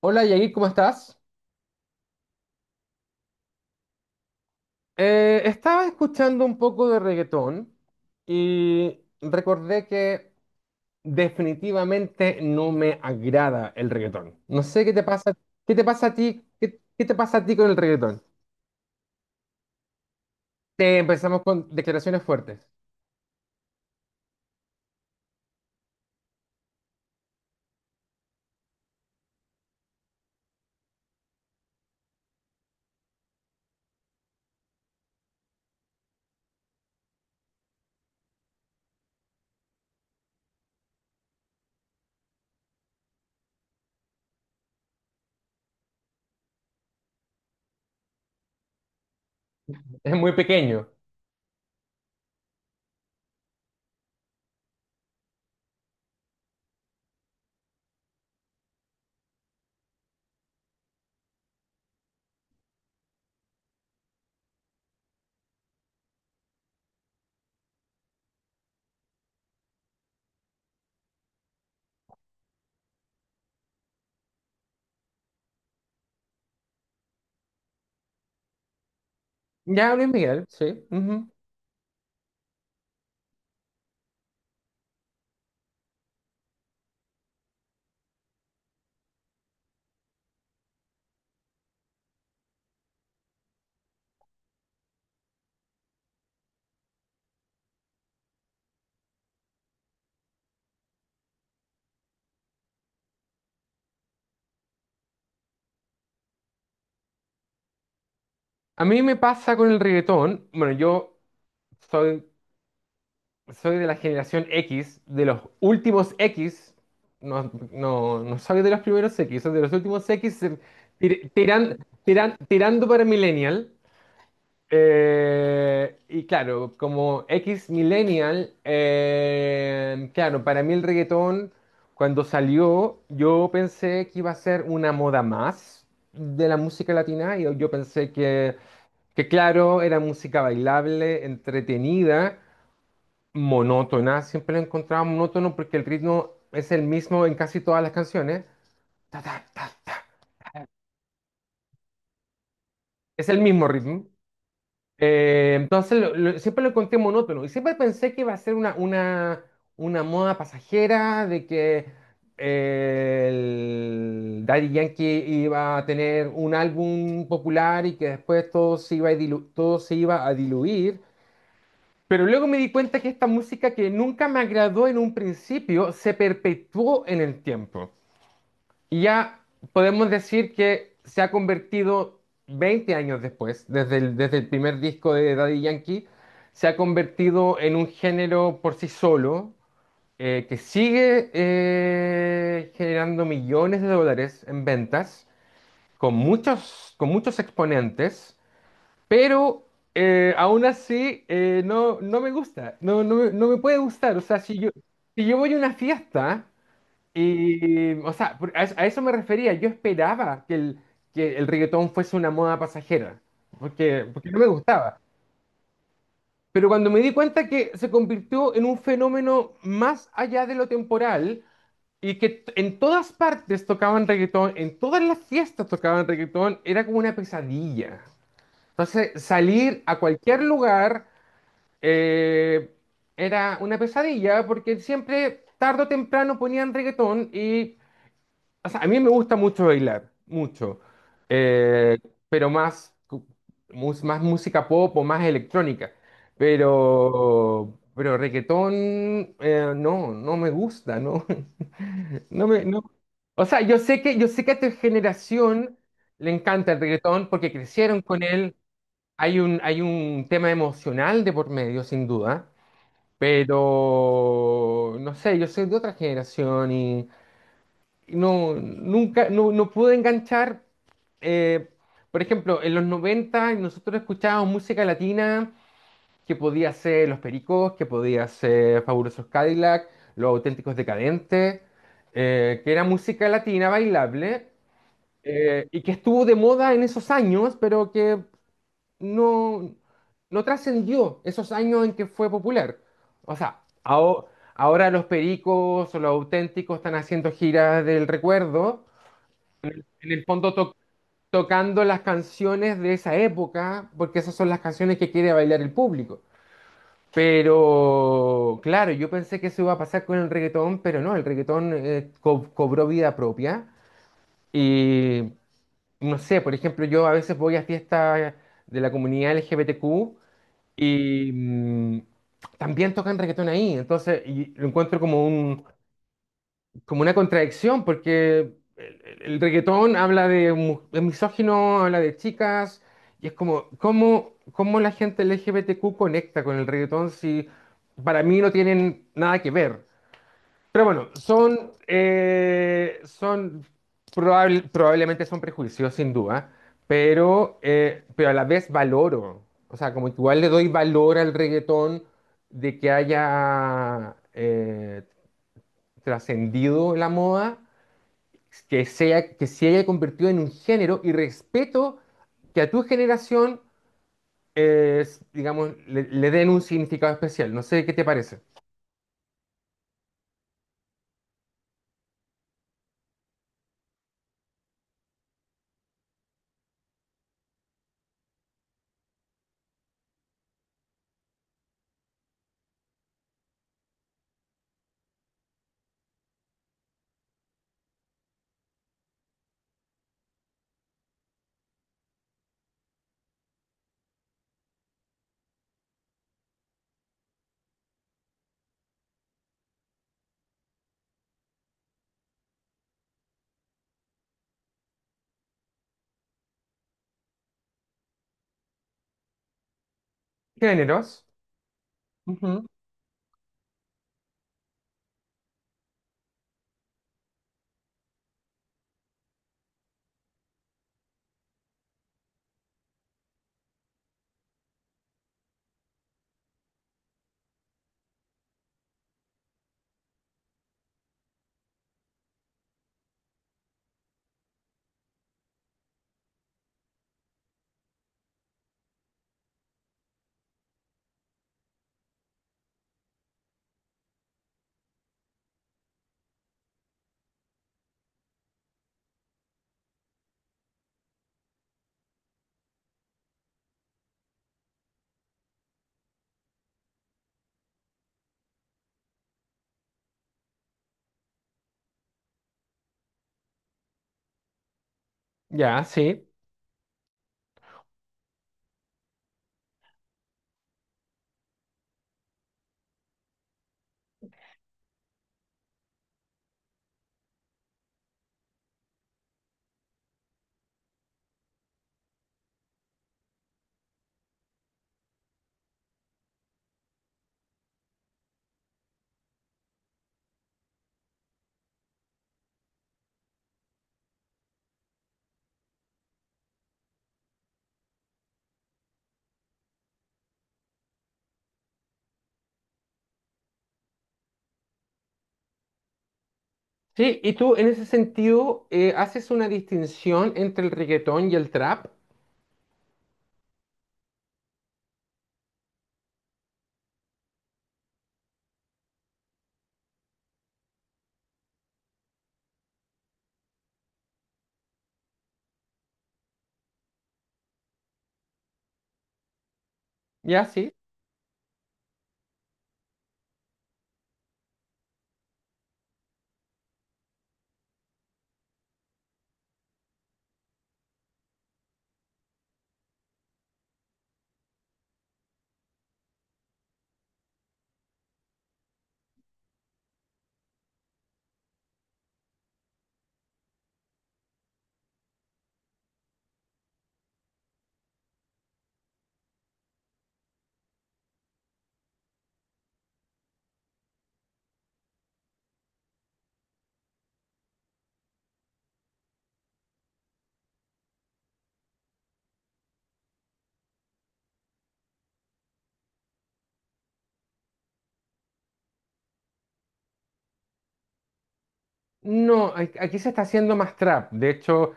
Hola Yagi, ¿cómo estás? Estaba escuchando un poco de reggaetón y recordé que definitivamente no me agrada el reggaetón. No sé qué te pasa a ti, qué te pasa a ti con el reggaetón. Te empezamos con declaraciones fuertes. Es muy pequeño. Ya, Luis Miguel, sí. Ujú. A mí me pasa con el reggaetón, bueno, yo soy soy de la generación X, de los últimos X. No, no, no soy de los primeros X, soy de los últimos X, tir- tiran- tirando para Millennial. Y claro, como X Millennial, claro, para mí el reggaetón, cuando salió, yo pensé que iba a ser una moda más de la música latina. Y yo pensé que claro, era música bailable, entretenida, monótona, siempre la encontraba monótono porque el ritmo es el mismo en casi todas las canciones. Ta, ta, ta, ta. Es el mismo ritmo. Entonces siempre lo encontré monótono y siempre pensé que iba a ser una moda pasajera de que el Daddy Yankee iba a tener un álbum popular y que después todo se iba a todo se iba a diluir. Pero luego me di cuenta que esta música que nunca me agradó en un principio se perpetuó en el tiempo. Y ya podemos decir que se ha convertido 20 años después, desde el primer disco de Daddy Yankee, se ha convertido en un género por sí solo, que sigue generando millones de dólares en ventas, con muchos exponentes, pero aún así, no, no me gusta, no, no me puede gustar. O sea, si yo voy a una fiesta y, o sea, por- a eso me refería. Yo esperaba que el reggaetón fuese una moda pasajera, porque no me gustaba. Pero cuando me di cuenta que se convirtió en un fenómeno más allá de lo temporal y que t- en todas partes tocaban reggaetón, en todas las fiestas tocaban reggaetón, era como una pesadilla. Entonces, salir a cualquier lugar eh, era una pesadilla porque siempre, tarde o temprano, ponían reggaetón y o sea, a mí me gusta mucho bailar, mucho. Eh, pero más, más música pop o más electrónica. Pero reggaetón, no, no me gusta, ¿no? No. O sea, yo sé que a tu generación le encanta el reggaetón porque crecieron con él. Hay un tema emocional de por medio, sin duda. Pero, no sé, yo soy de otra generación y, no, nunca, no, no pude enganchar. eh, por ejemplo, en los 90 nosotros escuchábamos música latina que podía ser Los Pericos, que podía ser Fabulosos Cadillac, Los Auténticos Decadentes, que era música latina bailable y que estuvo de moda en esos años, pero que no, no trascendió esos años en que fue popular. O sea, ahora los Pericos o los Auténticos están haciendo giras del recuerdo en el fondo tocando las canciones de esa época, porque esas son las canciones que quiere bailar el público. Pero claro, yo pensé que eso iba a pasar con el reggaetón, pero no, el reggaetón cobró vida propia. Y no sé, por ejemplo, yo a veces voy a fiestas de la comunidad LGBTQ y también tocan reggaetón ahí. Entonces, y lo encuentro como un, como una contradicción, porque el reggaetón habla de, de misógino, habla de chicas, y es como, ¿cómo, cómo la gente LGBTQ conecta con el reggaetón si para mí no tienen nada que ver? Pero bueno, son, son probablemente son prejuicios, sin duda, pero a la vez valoro, o sea, como que igual le doy valor al reggaetón de que haya trascendido la moda, que, sea, que se haya convertido en un género y respeto que a tu generación, digamos, le den un significado especial. No sé qué te parece. Géneros. Ujú. Ya, sí. Sí, y tú en ese sentido haces una distinción entre el reggaetón y el trap. Ya, sí. No, a- aquí se está haciendo más trap. De hecho,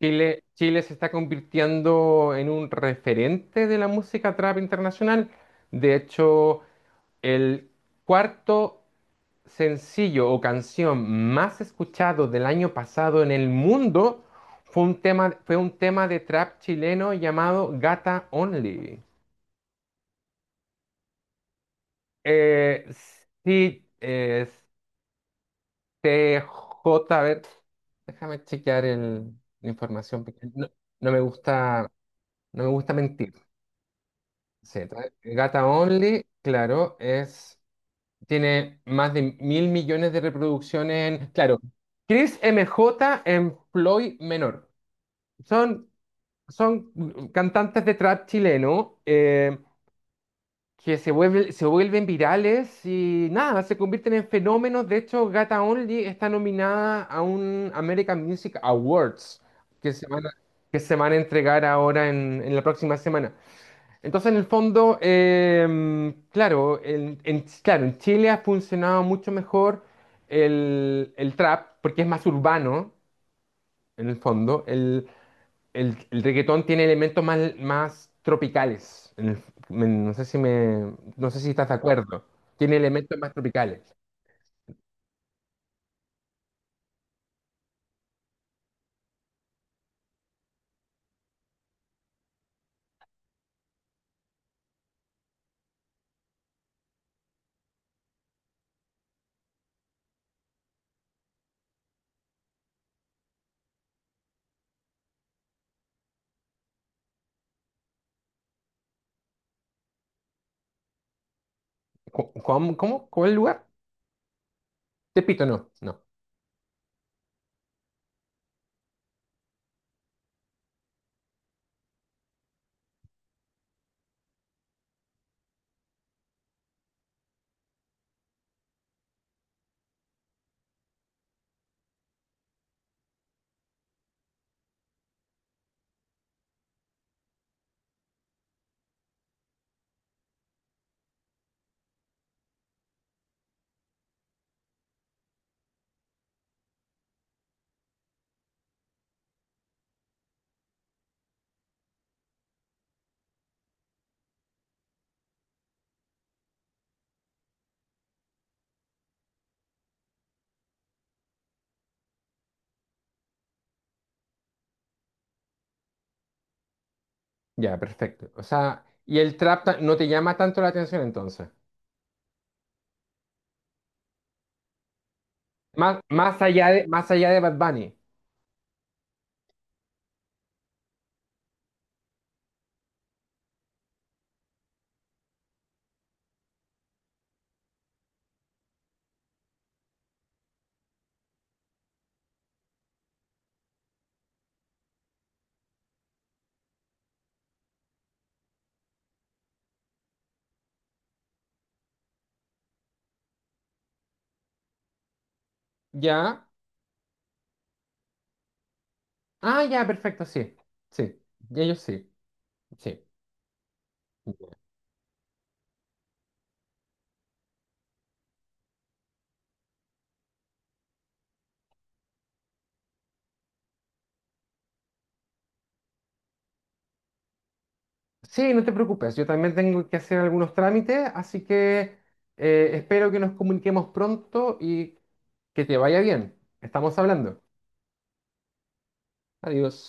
Chile, Chile se está convirtiendo en un referente de la música trap internacional. De hecho, el cuarto sencillo o canción más escuchado del año pasado en el mundo fue un tema de trap chileno llamado Gata Only. Eh, sí, TJ, a ver, déjame chequear la información. Porque no, no me gusta, no me gusta mentir. Sí, tra- Gata Only, claro, es, tiene más de mil millones de reproducciones en, claro, Chris MJ en Floyd Menor. Son, son cantantes de trap chileno. Que se vuelven virales y nada, se convierten en fenómenos. De hecho, Gata Only está nominada a un American Music Awards que se van a, que se van a entregar ahora en la próxima semana. Entonces, en el fondo, claro, en- claro, en Chile ha funcionado mucho mejor el trap porque es más urbano, en el fondo. El reggaetón tiene elementos más, más tropicales. En el- en- no sé si me, no sé si estás de acuerdo. Tiene elementos más tropicales. Co- ¿Cómo? ¿Cómo? ¿Cuál lugar? Tepito, no. No. Ya, perfecto. O sea, y el trap ta- no te llama tanto la atención entonces. Más, más allá de Bad Bunny. Ya. Ah, ya, perfecto, sí. Sí. Y ellos sí. Sí. Sí, no te preocupes, yo también tengo que hacer algunos trámites, así que espero que nos comuniquemos pronto y que te vaya bien. Estamos hablando. Adiós.